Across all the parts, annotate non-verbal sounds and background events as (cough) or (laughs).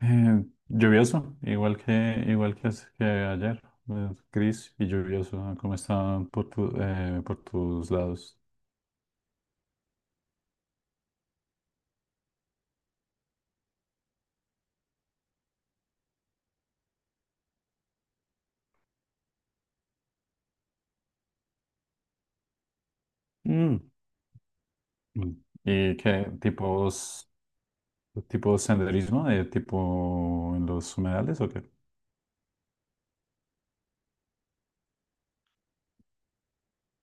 Lluvioso, igual que ayer, gris y lluvioso. Ah, ¿cómo están por tus lados? Mm. Mm. ¿Y qué tipo senderismo, de tipo en los humedales o qué?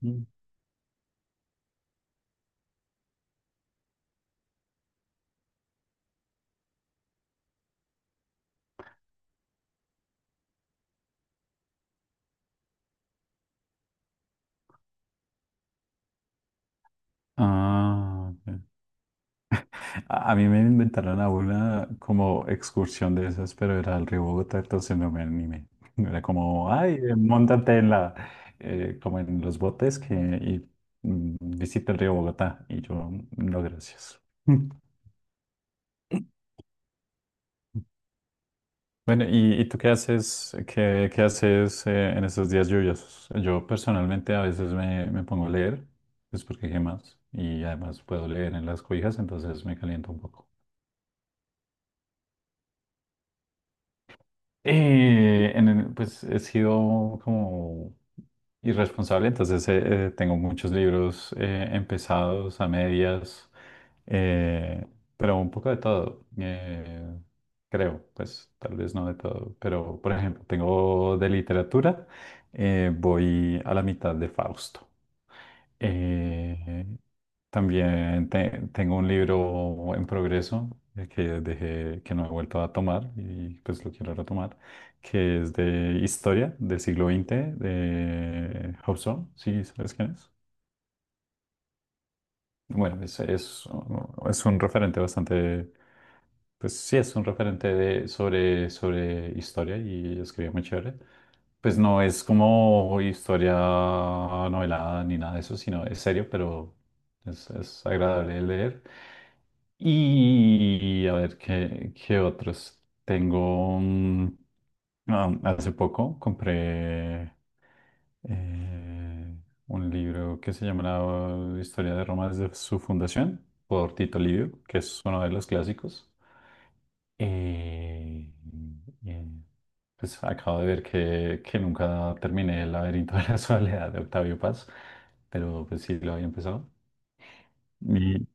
Mm. Ah, ok. A mí me inventaron a una como excursión de esas, pero era al río Bogotá, entonces no me animé. (laughs) Era como, ay, móntate en la, como en los botes, que, y visita el río Bogotá. Y yo, "Mm, no, gracias." (laughs) Bueno, ¿y tú qué haces en estos días lluviosos? Yo personalmente a veces me pongo a leer, es porque qué más, y además puedo leer en las cobijas, entonces me caliento un poco. Pues he sido como irresponsable. Entonces tengo muchos libros empezados a medias, eh, pero un poco de todo, creo. Pues tal vez no de todo, pero por ejemplo, tengo de literatura. Voy a la mitad de Fausto. Eh, también tengo un libro en progreso, que dejé, que no he vuelto a tomar, y pues lo quiero retomar, que es de historia del siglo XX de Hobsbawm. ¿Sí sabes quién es? Bueno, es un referente bastante... Pues sí, es un referente sobre historia, y escribe muy chévere. Pues no es como historia novelada ni nada de eso, sino es serio, pero es agradable de leer. Y a ver qué otros. Tengo, ah, hace poco compré eh, un libro que se llama La historia de Roma desde su fundación, por Tito Livio, que es uno de los clásicos. Eh, eh, pues acabo de ver que nunca terminé El laberinto de la soledad de Octavio Paz, pero pues sí lo había empezado. Y,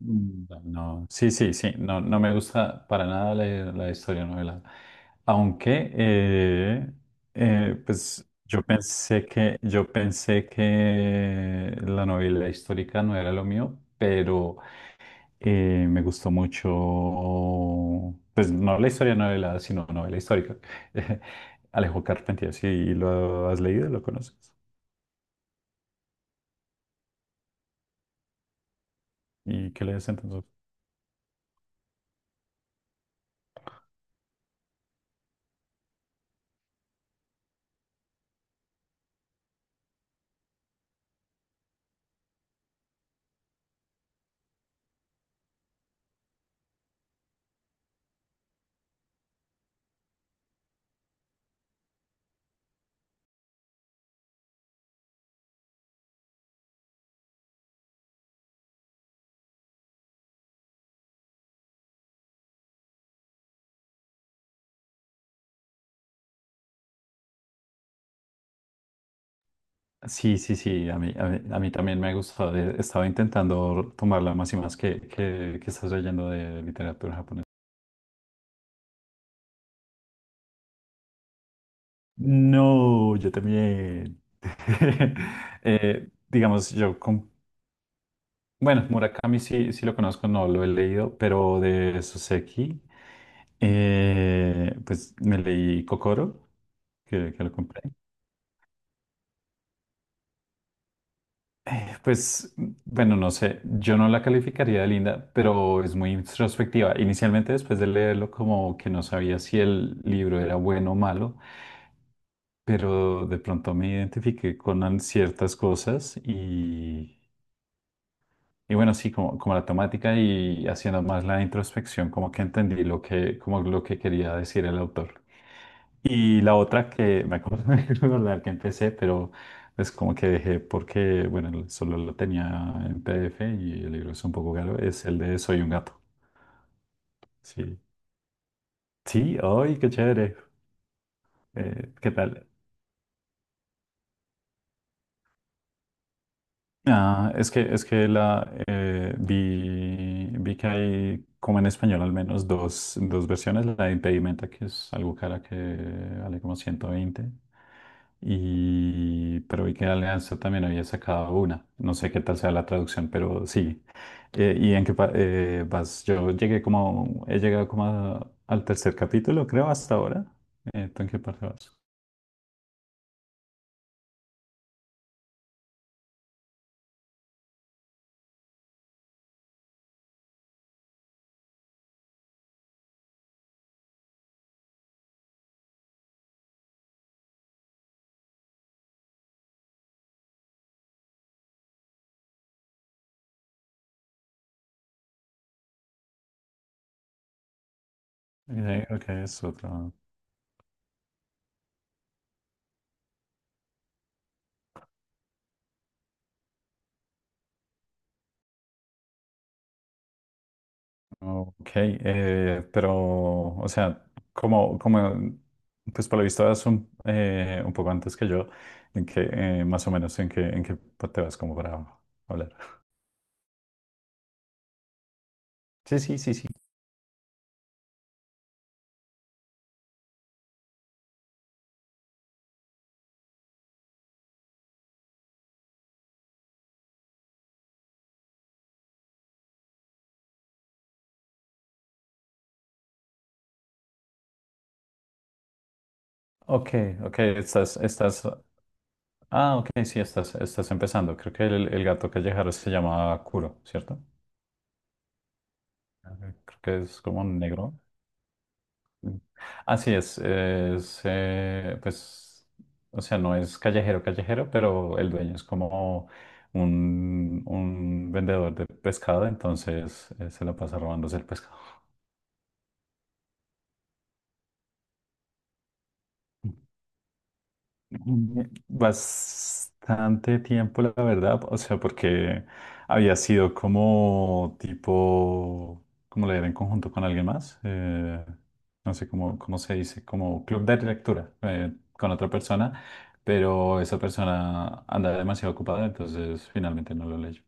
no, sí, sí, sí, no, no me gusta para nada la historia novelada. Aunque, pues yo pensé que la novela histórica no era lo mío, pero... Me gustó mucho, pues no la historia de novela, sino novela histórica. (laughs) Alejo Carpentier, sí lo has leído, lo conoces. ¿Y qué lees entonces? Sí, sí, sí, a mí, a mí, a mí también me ha gustado. Estaba intentando tomarla más y más, que estás leyendo de literatura japonesa. No, yo también. (laughs) Digamos. Bueno, Murakami sí, sí lo conozco, no lo he leído, pero de Soseki, pues me leí Kokoro, que lo compré. Pues, bueno, no sé, yo no la calificaría de linda, pero es muy introspectiva. Inicialmente, después de leerlo, como que no sabía si el libro era bueno o malo, pero de pronto me identifiqué con ciertas cosas. Y bueno, sí, como la temática, y haciendo más la introspección, como que entendí lo que, como lo que quería decir el autor. Y la otra que me acuerdo (laughs) de recordar que empecé, pero es como que dejé porque, bueno, solo lo tenía en PDF y el libro es un poco caro, es el de Soy un gato. Sí. Sí, ¡ay, qué chévere! ¿Qué tal? Ah, es que vi que hay, como en español al menos, dos versiones. La de Impedimenta, que es algo cara, que vale como 120. Y pero vi que Alianza también había sacado una. No sé qué tal sea la traducción, pero sí. ¿Y en qué vas? He llegado como al tercer capítulo, creo, hasta ahora. ¿Tú en qué parte vas? Ok, es otro. Ok, pero, o sea, como, como, pues por lo visto vas un poco antes que yo, en que, más o menos, en que te vas como para hablar. Sí, sí, sí, sí. Ok, ok, ah, ok, sí, estás empezando. Creo que el gato callejero se llama Kuro, ¿cierto? Creo que es como negro. Así es, pues, o sea, no es callejero, callejero, pero el dueño es como un vendedor de pescado. Entonces se la pasa robándose el pescado. Mm, Bastante tiempo, la verdad, o sea, porque había sido como tipo, como leer en conjunto con alguien más, no sé cómo se dice, como club de lectura con otra persona, pero esa persona andaba demasiado ocupada, entonces finalmente no lo leyó.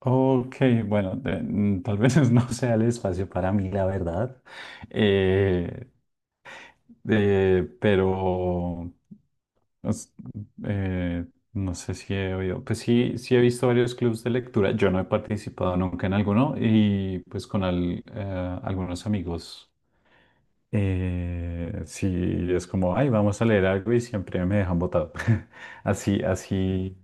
Ok, bueno, tal vez (laughs) no sea el espacio para mí, la verdad. eh, pero... Os- eh, no sé si he oído. Pues sí, sí he visto varios clubs de lectura, yo no he participado nunca en alguno, y pues con algunos amigos, sí. Es como, ay, vamos a leer algo y siempre me dejan botado. (laughs) Así, así,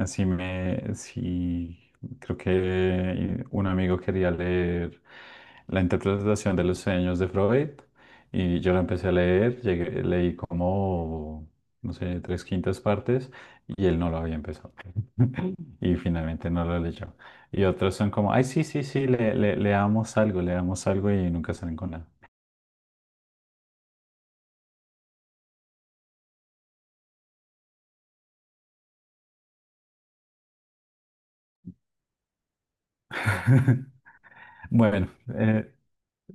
así, sí, creo que un amigo quería leer la interpretación de los sueños de Freud, y yo la empecé a leer, leí como, no sé, tres quintas partes, y él no lo había empezado (laughs) y finalmente no lo leyó. Y otros son como, ay, sí, sí, sí, leamos algo, y nunca salen con nada. (laughs) Bueno, eh,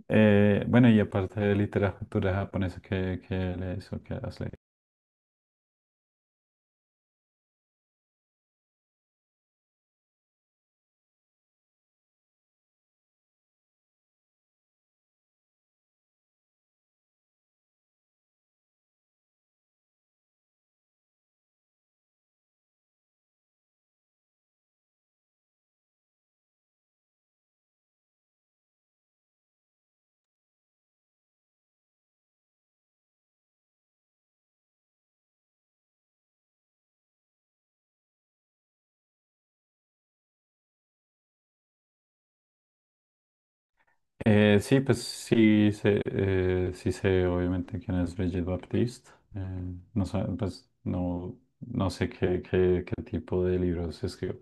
eh, bueno, y aparte de literatura japonesa, ¿qué lees o qué has leído? Sí, pues sí sé obviamente quién es Brigitte Baptiste. No sé, pues no, no sé qué tipo de libros escribió.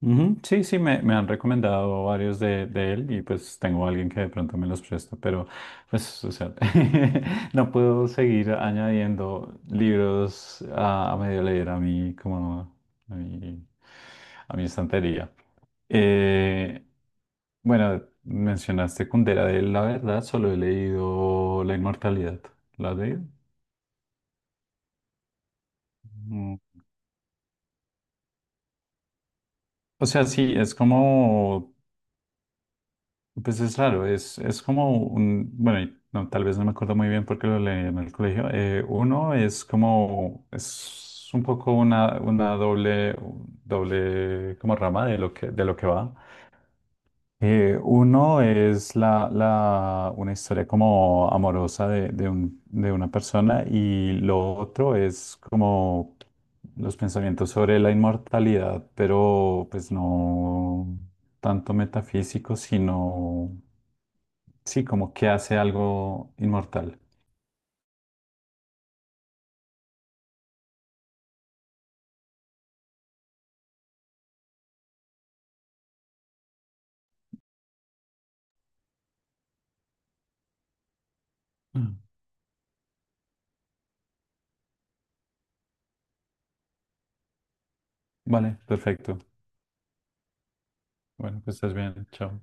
Ujú. Sí, sí, me han recomendado varios de él, y pues tengo alguien que de pronto me los presta, pero pues, o sea, (laughs) no puedo seguir añadiendo libros a medio leer a mí como a mi, a mi estantería. Eh, bueno, mencionaste Kundera. De él, la verdad, solo he leído La Inmortalidad. ¿La de? O sea, sí, es como... Pues es raro. Es como bueno, y no, tal vez no me acuerdo muy bien porque lo leí en el colegio. Uno es como, es un poco una doble, doble como rama de lo que va. Uno es una historia como amorosa de una persona, y lo otro es como los pensamientos sobre la inmortalidad, pero pues no tanto metafísico, sino sí, como que hace algo inmortal. Mm. Vale, perfecto. Bueno, pues estás bien, chao.